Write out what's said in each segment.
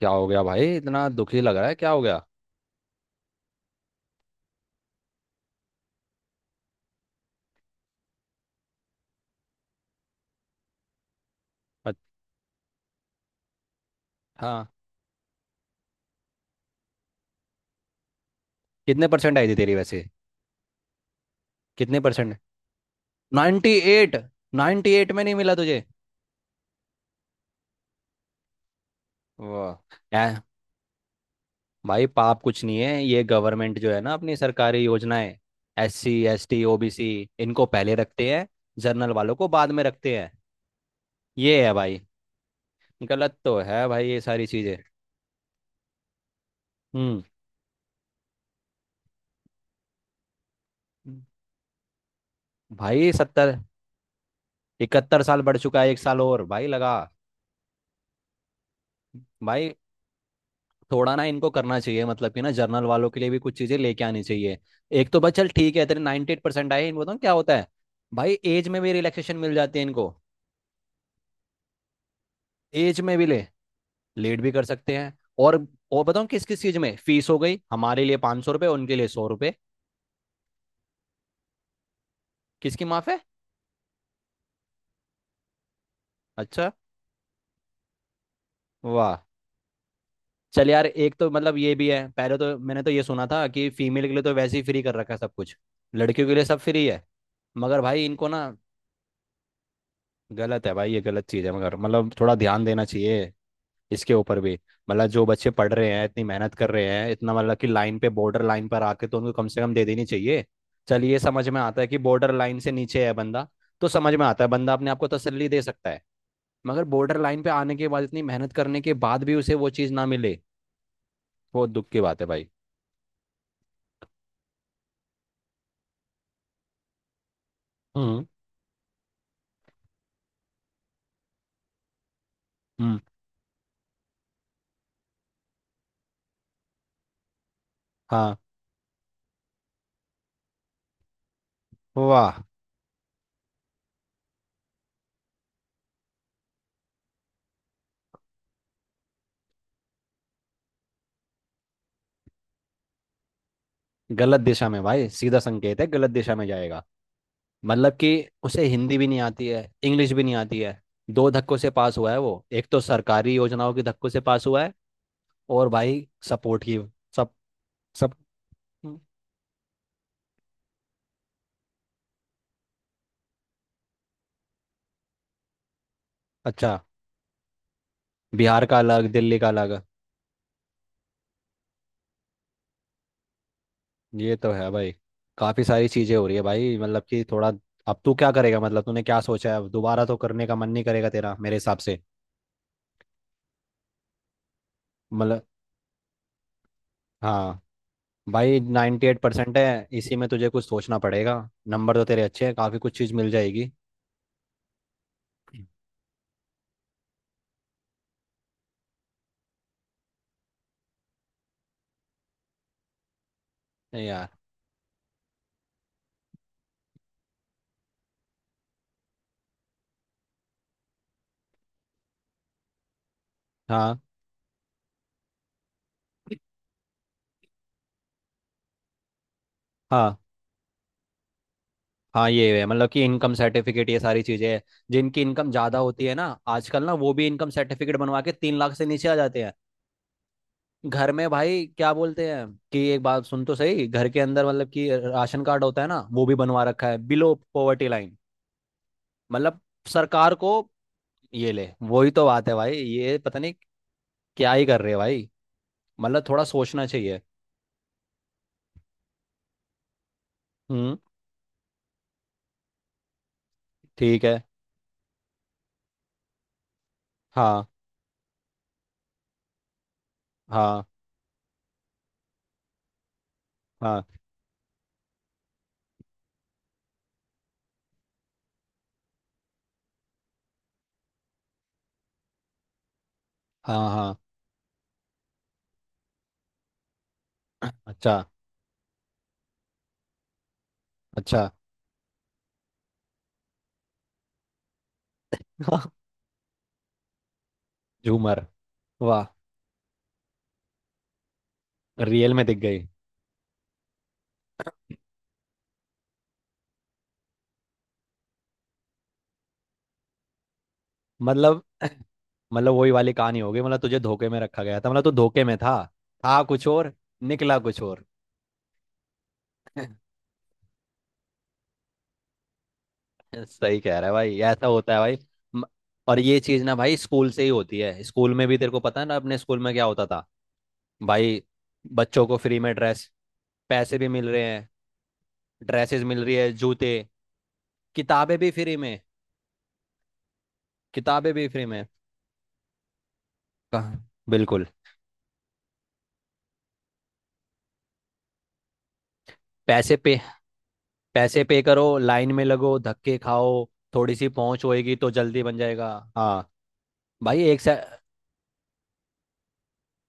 क्या हो गया भाई? इतना दुखी लग रहा है, क्या हो गया? अ- हाँ। कितने परसेंट आई थी तेरी वैसे? कितने परसेंट? 98? 98 में नहीं मिला तुझे? वाह। भाई पाप कुछ नहीं है। ये गवर्नमेंट जो है ना, अपनी सरकारी योजनाएं, S C S T, O B C, इनको पहले रखते हैं। जनरल वालों को बाद में रखते हैं। ये है भाई। गलत तो है भाई, ये सारी चीजें। हम्म। भाई 70, 71 साल बढ़ चुका है, एक साल और भाई लगा। भाई, थोड़ा ना इनको करना चाहिए, मतलब कि ना जर्नल वालों के लिए भी कुछ चीजें लेके आनी चाहिए। एक तो बस, चल ठीक है, तेरे 98% एट परसेंट आए, इनको बताऊँ क्या होता है। भाई, एज में भी रिलैक्सेशन मिल जाती है इनको। एज में भी ले लेट भी कर सकते हैं। और और बताऊँ किस किस चीज में फीस हो गई। हमारे लिए 500 रुपये, उनके लिए 100 रुपये। किसकी माफ है? अच्छा। वाह। चल यार, एक तो मतलब ये भी है, पहले तो मैंने तो ये सुना था कि फीमेल के लिए तो वैसे ही फ्री कर रखा है सब कुछ। लड़कियों के लिए सब फ्री है। मगर भाई इनको ना। गलत है भाई, ये गलत चीज़ है, मगर मतलब थोड़ा ध्यान देना चाहिए इसके ऊपर भी। मतलब जो बच्चे पढ़ रहे हैं, इतनी मेहनत कर रहे हैं, इतना मतलब कि लाइन पे बॉर्डर लाइन पर आके, तो उनको कम से कम दे देनी चाहिए। चल, ये समझ में आता है कि बॉर्डर लाइन से नीचे है बंदा, तो समझ में आता है, बंदा अपने आप को तसल्ली दे सकता है। मगर बॉर्डर लाइन पे आने के बाद, इतनी मेहनत करने के बाद भी उसे वो चीज़ ना मिले, बहुत दुख की बात है भाई। हम्म। हम्म। हाँ। वाह। गलत दिशा में भाई, सीधा संकेत है, गलत दिशा में जाएगा। मतलब कि उसे हिंदी भी नहीं आती है, इंग्लिश भी नहीं आती है। दो धक्कों से पास हुआ है वो, एक तो सरकारी योजनाओं के धक्कों से पास हुआ है और भाई सपोर्ट की सब सब। अच्छा। बिहार का अलग, दिल्ली का अलग। ये तो है भाई। काफ़ी सारी चीज़ें हो रही है भाई, मतलब कि थोड़ा। अब तू क्या करेगा? मतलब तूने क्या सोचा है? दोबारा तो करने का मन नहीं करेगा तेरा, मेरे हिसाब से। मतलब, हाँ। भाई 98% है, इसी में तुझे कुछ सोचना पड़ेगा। नंबर तो तेरे अच्छे हैं, काफ़ी कुछ चीज़ मिल जाएगी। नहीं यार। हाँ, हाँ, हाँ, ये है। मतलब कि इनकम सर्टिफिकेट, ये सारी चीजें हैं। जिनकी इनकम ज्यादा होती है ना आजकल ना, वो भी इनकम सर्टिफिकेट बनवा के 3 लाख से नीचे आ जाते हैं। घर में भाई क्या बोलते हैं, कि एक बात सुन तो सही, घर के अंदर मतलब कि राशन कार्ड होता है ना, वो भी बनवा रखा है बिलो पॉवर्टी लाइन। मतलब सरकार को ये ले, वही तो बात है भाई, ये पता नहीं क्या ही कर रहे हैं भाई, मतलब थोड़ा सोचना चाहिए। हम्म। ठीक है। हाँ, हाँ, हाँ, हाँ, हाँ। अच्छा। अच्छा। झूमर। वाह। रियल में दिख गई। मतलब, मतलब वही वाली कहानी हो गई, मतलब तुझे धोखे में रखा गया था, मतलब तू धोखे में था। था कुछ और, निकला कुछ और। सही कह रहा है भाई, ऐसा होता है भाई। म- और ये चीज ना भाई स्कूल से ही होती है, स्कूल में भी, तेरे को पता है ना अपने स्कूल में क्या होता था। भाई बच्चों को फ्री में ड्रेस, पैसे भी मिल रहे हैं। ड्रेसेस मिल रही है, जूते, किताबें भी फ्री में, किताबें भी फ्री में। कहाँ? बिल्कुल। पैसे पे। पैसे पे करो, लाइन में लगो, धक्के खाओ। थोड़ी सी पहुंच होएगी तो जल्दी बन जाएगा। हाँ। भाई एक से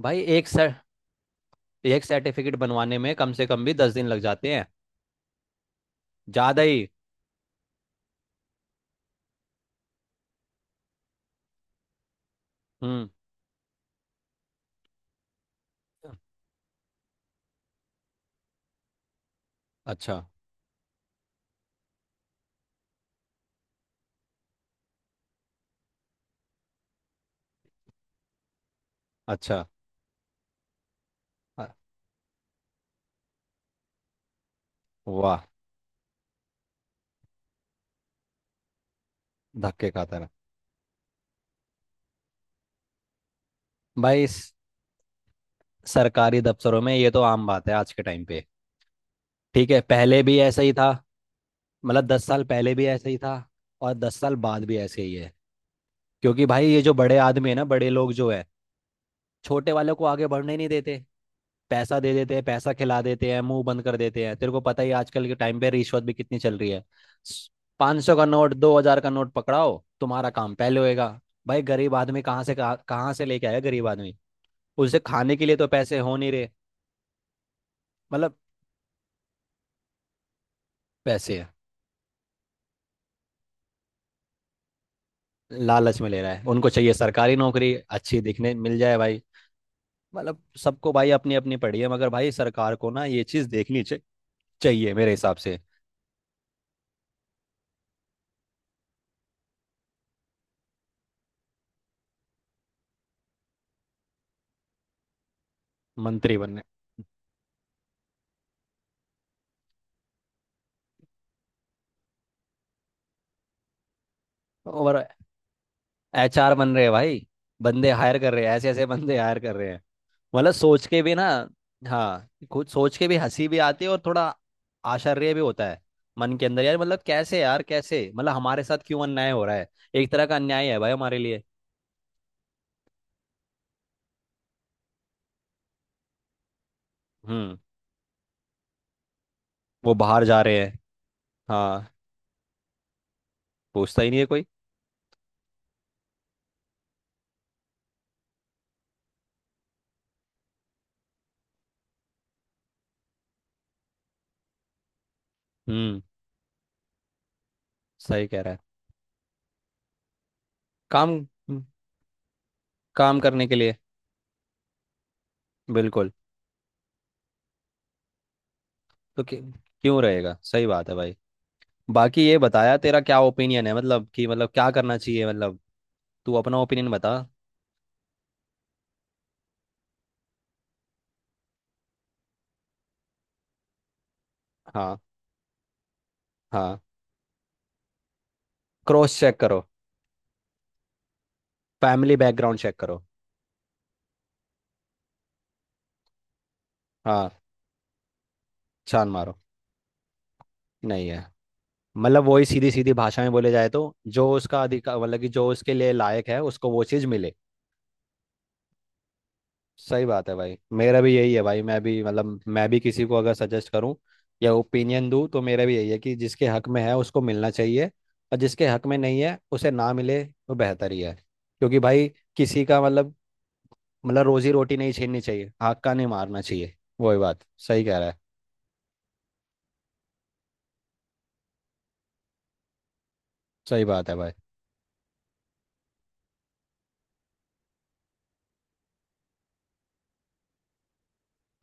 भाई एक सर एक सर्टिफिकेट बनवाने में कम से कम भी 10 दिन लग जाते हैं। ज्यादा ही। हम्म। अच्छा। अच्छा। अ- वाह। धक्के खाता रहा। भाई सरकारी दफ्तरों में ये तो आम बात है आज के टाइम पे। ठीक है, पहले भी ऐसा ही था। मतलब 10 साल पहले भी ऐसा ही था, और 10 साल बाद भी ऐसे ही है। क्योंकि भाई ये जो बड़े आदमी है ना, बड़े लोग जो है, छोटे वालों को आगे बढ़ने ही नहीं देते। पैसा दे देते हैं, पैसा खिला देते हैं, मुंह बंद कर देते हैं। तेरे को पता ही आजकल के टाइम पे रिश्वत भी कितनी चल रही है। 500 का नोट, 2000 का नोट पकड़ाओ, तुम्हारा काम पहले होएगा। भाई गरीब आदमी कहाँ से, कहाँ कहाँ से लेके आएगा गरीब आदमी? उसे खाने के लिए तो पैसे हो नहीं रहे। मतलब पैसे। लालच में ले रहा है, उनको चाहिए सरकारी नौकरी अच्छी, दिखने मिल जाए भाई। मतलब सबको भाई अपनी अपनी पड़ी है, मगर भाई सरकार को ना ये चीज देखनी चाहिए, मेरे हिसाब से। मंत्री बनने। और एचआर बन रहे हैं भाई, बंदे हायर कर रहे हैं, ऐसे ऐसे बंदे हायर कर रहे हैं, मतलब सोच के भी ना। हाँ, खुद सोच के भी हंसी भी आती है और थोड़ा आश्चर्य भी होता है मन के अंदर यार। मतलब कैसे यार, कैसे मतलब हमारे साथ क्यों अन्याय हो रहा है? एक तरह का अन्याय है भाई हमारे लिए। हम्म। वो बाहर जा रहे हैं। हाँ, पूछता ही नहीं है कोई। हम्म। सही कह रहा है। काम काम करने के लिए। बिल्कुल। तो क्यों क्यों रहेगा? सही बात है भाई। बाकी ये बताया, तेरा क्या ओपिनियन है, मतलब कि मतलब क्या करना चाहिए, मतलब तू अपना ओपिनियन बता। हाँ। हाँ। क्रॉस चेक करो, फैमिली बैकग्राउंड चेक करो। हाँ, छान मारो। नहीं है। मतलब वही सीधी सीधी भाषा में बोले जाए तो, जो उसका अधिकार, मतलब कि जो उसके लिए लायक है उसको वो चीज़ मिले। सही बात है भाई। मेरा भी यही है भाई। मैं भी किसी को अगर सजेस्ट करूं या ओपिनियन दूं, तो मेरा भी यही है कि जिसके हक में है उसको मिलना चाहिए, और जिसके हक में नहीं है उसे ना मिले तो बेहतर ही है। क्योंकि भाई किसी का मतलब रोजी रोटी नहीं छीननी चाहिए, हक्का नहीं मारना चाहिए। वही बात, सही कह रहा है। सही बात है भाई।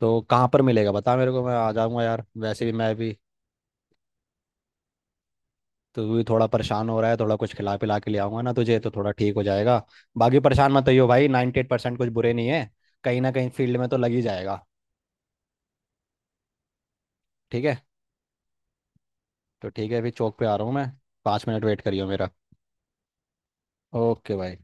तो कहाँ पर मिलेगा, बता मेरे को, मैं आ जाऊंगा यार, वैसे भी मैं भी। तो तू भी थोड़ा परेशान हो रहा है, थोड़ा कुछ खिला पिला के ले आऊंगा ना तुझे, तो थोड़ा ठीक हो जाएगा। बाकी परेशान मत होइयो भाई, 98% एट परसेंट कुछ बुरे नहीं है, कहीं ना कहीं फील्ड में तो लग ही जाएगा। ठीक है। तो ठीक है, अभी चौक पे आ रहा हूँ मैं। 5 मिनट वेट करियो मेरा। ओके भाई।